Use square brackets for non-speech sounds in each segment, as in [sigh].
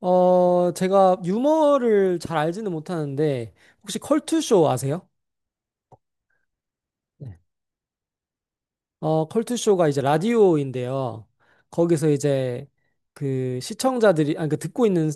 제가 유머를 잘 알지는 못하는데, 혹시 컬투쇼 아세요? 네. 컬투쇼가 이제 라디오인데요. 거기서 이제 그 시청자들이, 아니, 그 듣고 있는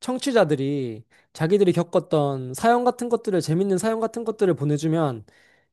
청취자들이 자기들이 겪었던 사연 같은 것들을, 재밌는 사연 같은 것들을 보내주면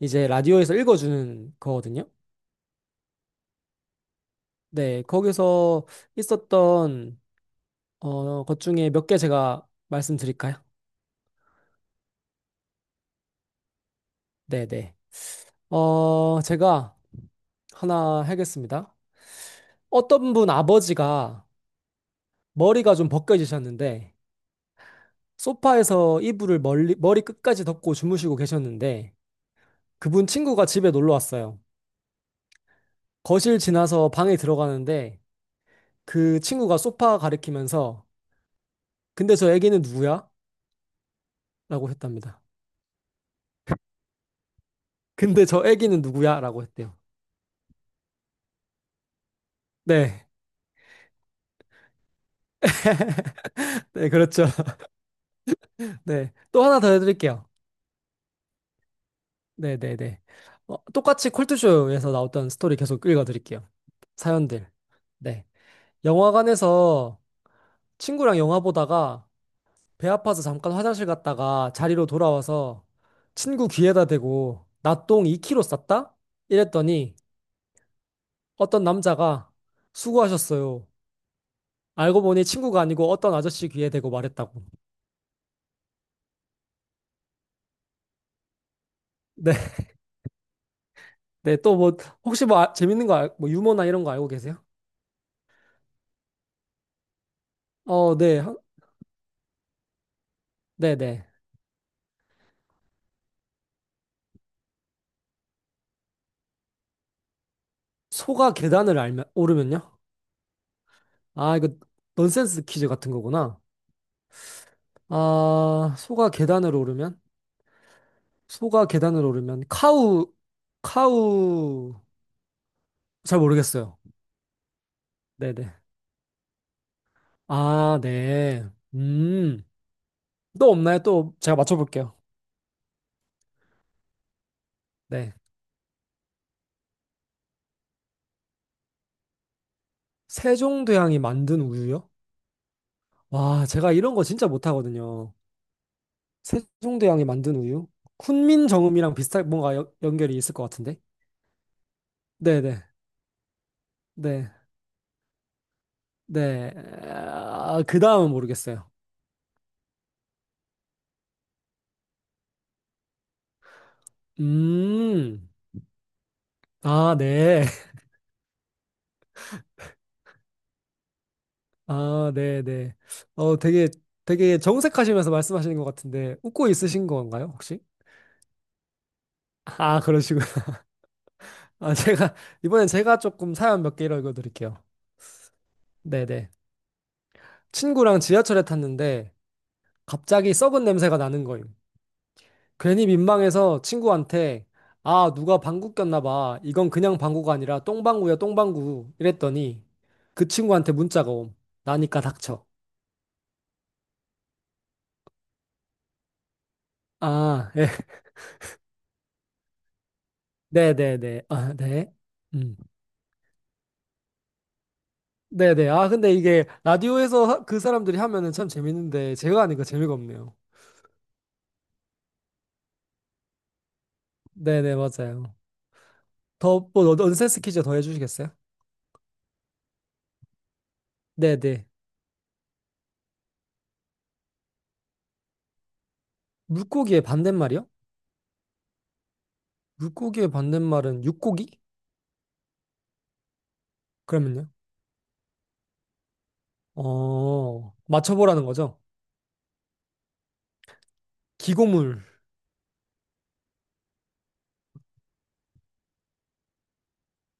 이제 라디오에서 읽어주는 거거든요. 네, 거기서 있었던, 것 중에 몇 개 제가 말씀드릴까요? 네네. 제가 하나 하겠습니다. 어떤 분 아버지가 머리가 좀 벗겨지셨는데 소파에서 이불을 멀리, 머리 끝까지 덮고 주무시고 계셨는데 그분 친구가 집에 놀러 왔어요. 거실 지나서 방에 들어가는데 그 친구가 소파 가리키면서 근데 저 애기는 누구야? 라고 했답니다. 근데 저 애기는 누구야? 라고 했대요. 네. 네, 그렇죠. [laughs] 네. 또 하나 더 해드릴게요. 네, 네, 네. 똑같이 콜투쇼에서 나왔던 스토리 계속 읽어드릴게요. 사연들. 네. 영화관에서 친구랑 영화 보다가 배 아파서 잠깐 화장실 갔다가 자리로 돌아와서 친구 귀에다 대고 나 똥2 k 로 쌌다? 이랬더니 어떤 남자가 수고하셨어요. 알고 보니 친구가 아니고 어떤 아저씨 귀에 대고 말했다고. 네, [laughs] 네, 또 뭐, 혹시 뭐 재밌는 거, 뭐 유머나 이런 거 알고 계세요? 네, 네, 네. 소가 계단을 알면, 오르면요? 아, 이거 넌센스 퀴즈 같은 거구나. 아, 소가 계단을 오르면? 소가 계단을 오르면 카우 카우 잘 모르겠어요. 네네. 아, 네. 음. 또 없나요? 또 제가 맞춰볼게요. 네. 세종대왕이 만든 우유요? 와, 제가 이런 거 진짜 못하거든요. 세종대왕이 만든 우유? 훈민정음이랑 비슷한 뭔가 연- 연결이 있을 것 같은데? 네네. 네. 네. 아, 그 다음은 모르겠어요. 음. 아, 네. 아, 네네. 어, 되게, 되게 정색하시면서 말씀하시는 것 같은데, 웃고 있으신 건가요, 혹시? 아, 그러시군. [laughs] 아, 제가, 이번엔 제가 조금 사연 몇 개 읽어드릴게요. 네네. 친구랑 지하철에 탔는데, 갑자기 썩은 냄새가 나는 거임. 괜히 민망해서 친구한테, 아, 누가 방구 꼈나 봐. 이건 그냥 방구가 아니라 똥방구야, 똥방구. 이랬더니, 그 친구한테 문자가 옴. 나니까 닥쳐. 아, 예. [laughs] 네네네. 아, 네. 음. 네네. 아, 근데 이게 라디오에서 그 사람들이 하면은 참 재밌는데 제가 하니까 재미가 없네요. 네네, 맞아요. 더, 뭐, 넌- 센스 퀴즈 더 해주시겠어요? 네네. 물고기의 반대말이요? 물고기의 반대말은 육고기? 그러면요? 맞춰보라는 거죠? 기고물.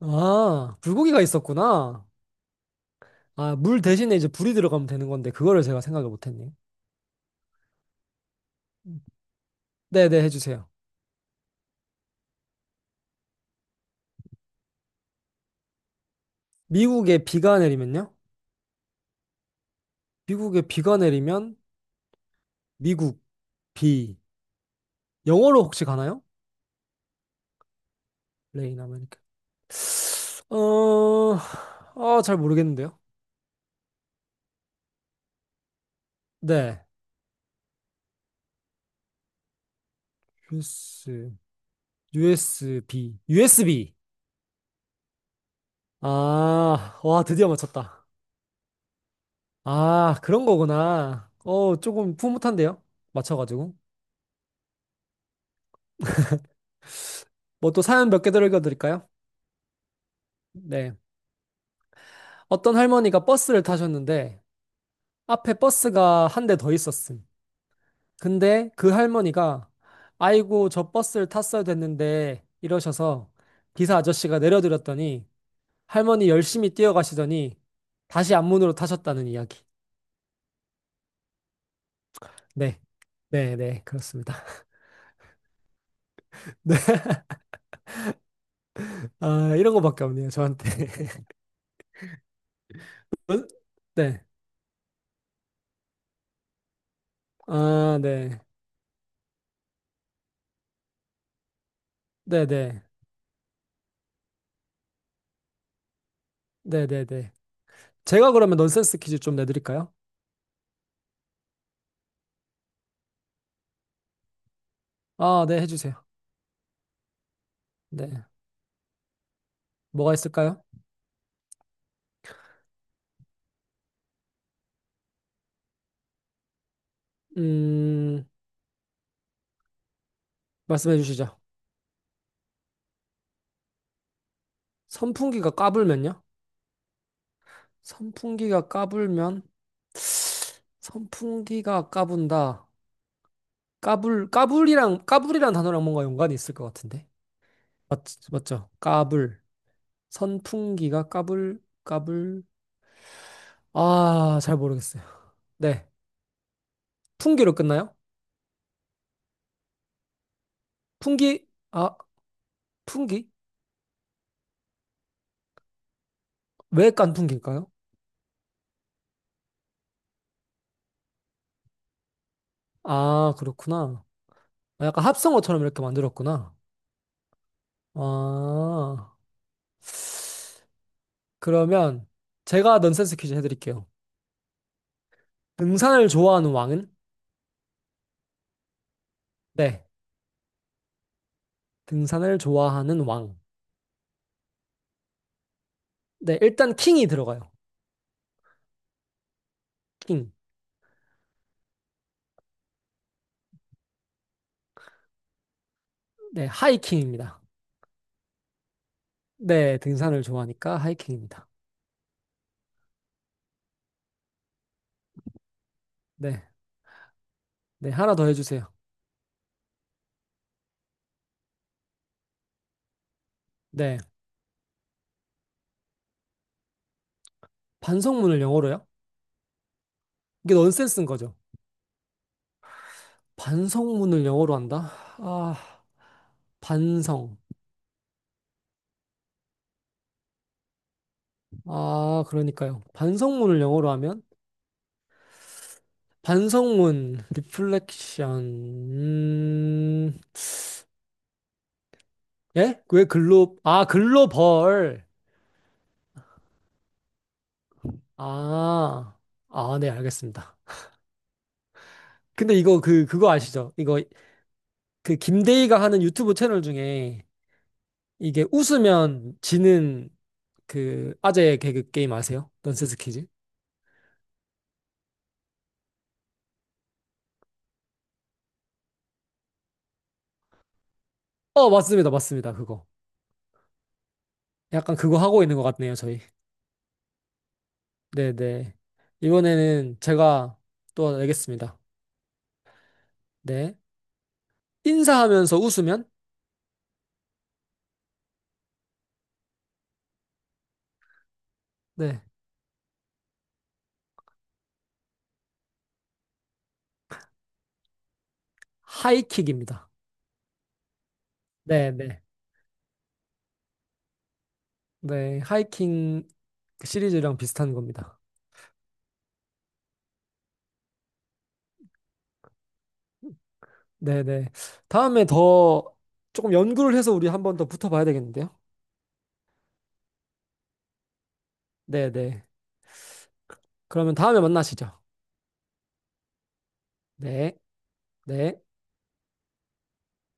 아, 불고기가 있었구나. 아, 물 대신에 이제 불이 들어가면 되는 건데 그거를 제가 생각을 못했네요. 네네, 해주세요. 미국에 비가 내리면요? 미국에 비가 내리면 미국 비. 영어로 혹시 가나요? 레인 아메리카. 어, 아, 잘 모르겠는데요. 네. US, USB, USB. 아, 와, 드디어 맞췄다. 아, 그런 거구나. 어, 조금 풋풋한데요? 맞춰가지고. 뭐 또 사연 몇 개 더 읽어드릴까요? 네. 어떤 할머니가 버스를 타셨는데, 앞에 버스가 한 대 더 있었음. 근데 그 할머니가, 아이고, 저 버스를 탔어야 됐는데, 이러셔서 기사 아저씨가 내려드렸더니, 할머니 열심히 뛰어가시더니 다시 앞문으로 타셨다는 이야기. 네. 네, 네, 그렇습니다. [laughs] 네. 아, 이런 거밖에 없네요, 저한테. [laughs] 논- 네. 아, 네. 네, 네. 네, 네, 네. 제가 그러면 넌센스 퀴즈 좀 내드릴까요? 아, 네, 해주세요. 네. 뭐가 있을까요? 음, 말씀해 주시죠. 선풍기가 까불면요? 선풍기가 까불면? 선풍기가 까분다. 까불, 까불이랑, 까불이란 단어랑 뭔가 연관이 있을 것 같은데. 맞, 맞죠? 까불. 선풍기가 까불, 까불. 아, 잘 모르겠어요. 네. 풍기로 끝나요? 풍기, 아, 풍기? 왜 깐풍기일까요? 아, 그렇구나. 아, 약간 합성어처럼 이렇게 만들었구나. 아, 그러면 제가 넌센스 퀴즈 해드릴게요. 등산을 좋아하는 왕은? 네. 등산을 좋아하는 왕. 네, 일단 킹이 들어가요. 킹. 네, 하이킹입니다. 네, 등산을 좋아하니까 하이킹입니다. 네, 네, 하나 더 해주세요. 네. 반성문을 영어로요? 이게 넌센스인 거죠. 반성문을 영어로 한다? 아, 반성. 아, 그러니까요. 반성문을 영어로 하면? 반성문, 리플렉션, 예? 왜 글로, 아, 글로벌. 아, 아, 네, 알겠습니다. 근데 이거, 그, 그거 아시죠? 이거, 그, 김대희가 하는 유튜브 채널 중에 이게 웃으면 지는 그 아재 개그 게임 아세요? 넌센스 퀴즈? 어, 맞습니다. 맞습니다. 그거. 약간 그거 하고 있는 것 같네요, 저희. 네네. 이번에는 제가 또 내겠습니다. 네. 인사하면서 웃으면? 네. 하이킥입니다. 네네. 네. 하이킹 시리즈랑 비슷한 겁니다. 네네. 다음에 더 조금 연구를 해서 우리 한번 더 붙어봐야 되겠는데요? 네네. 그러면 다음에 만나시죠. 네. 네.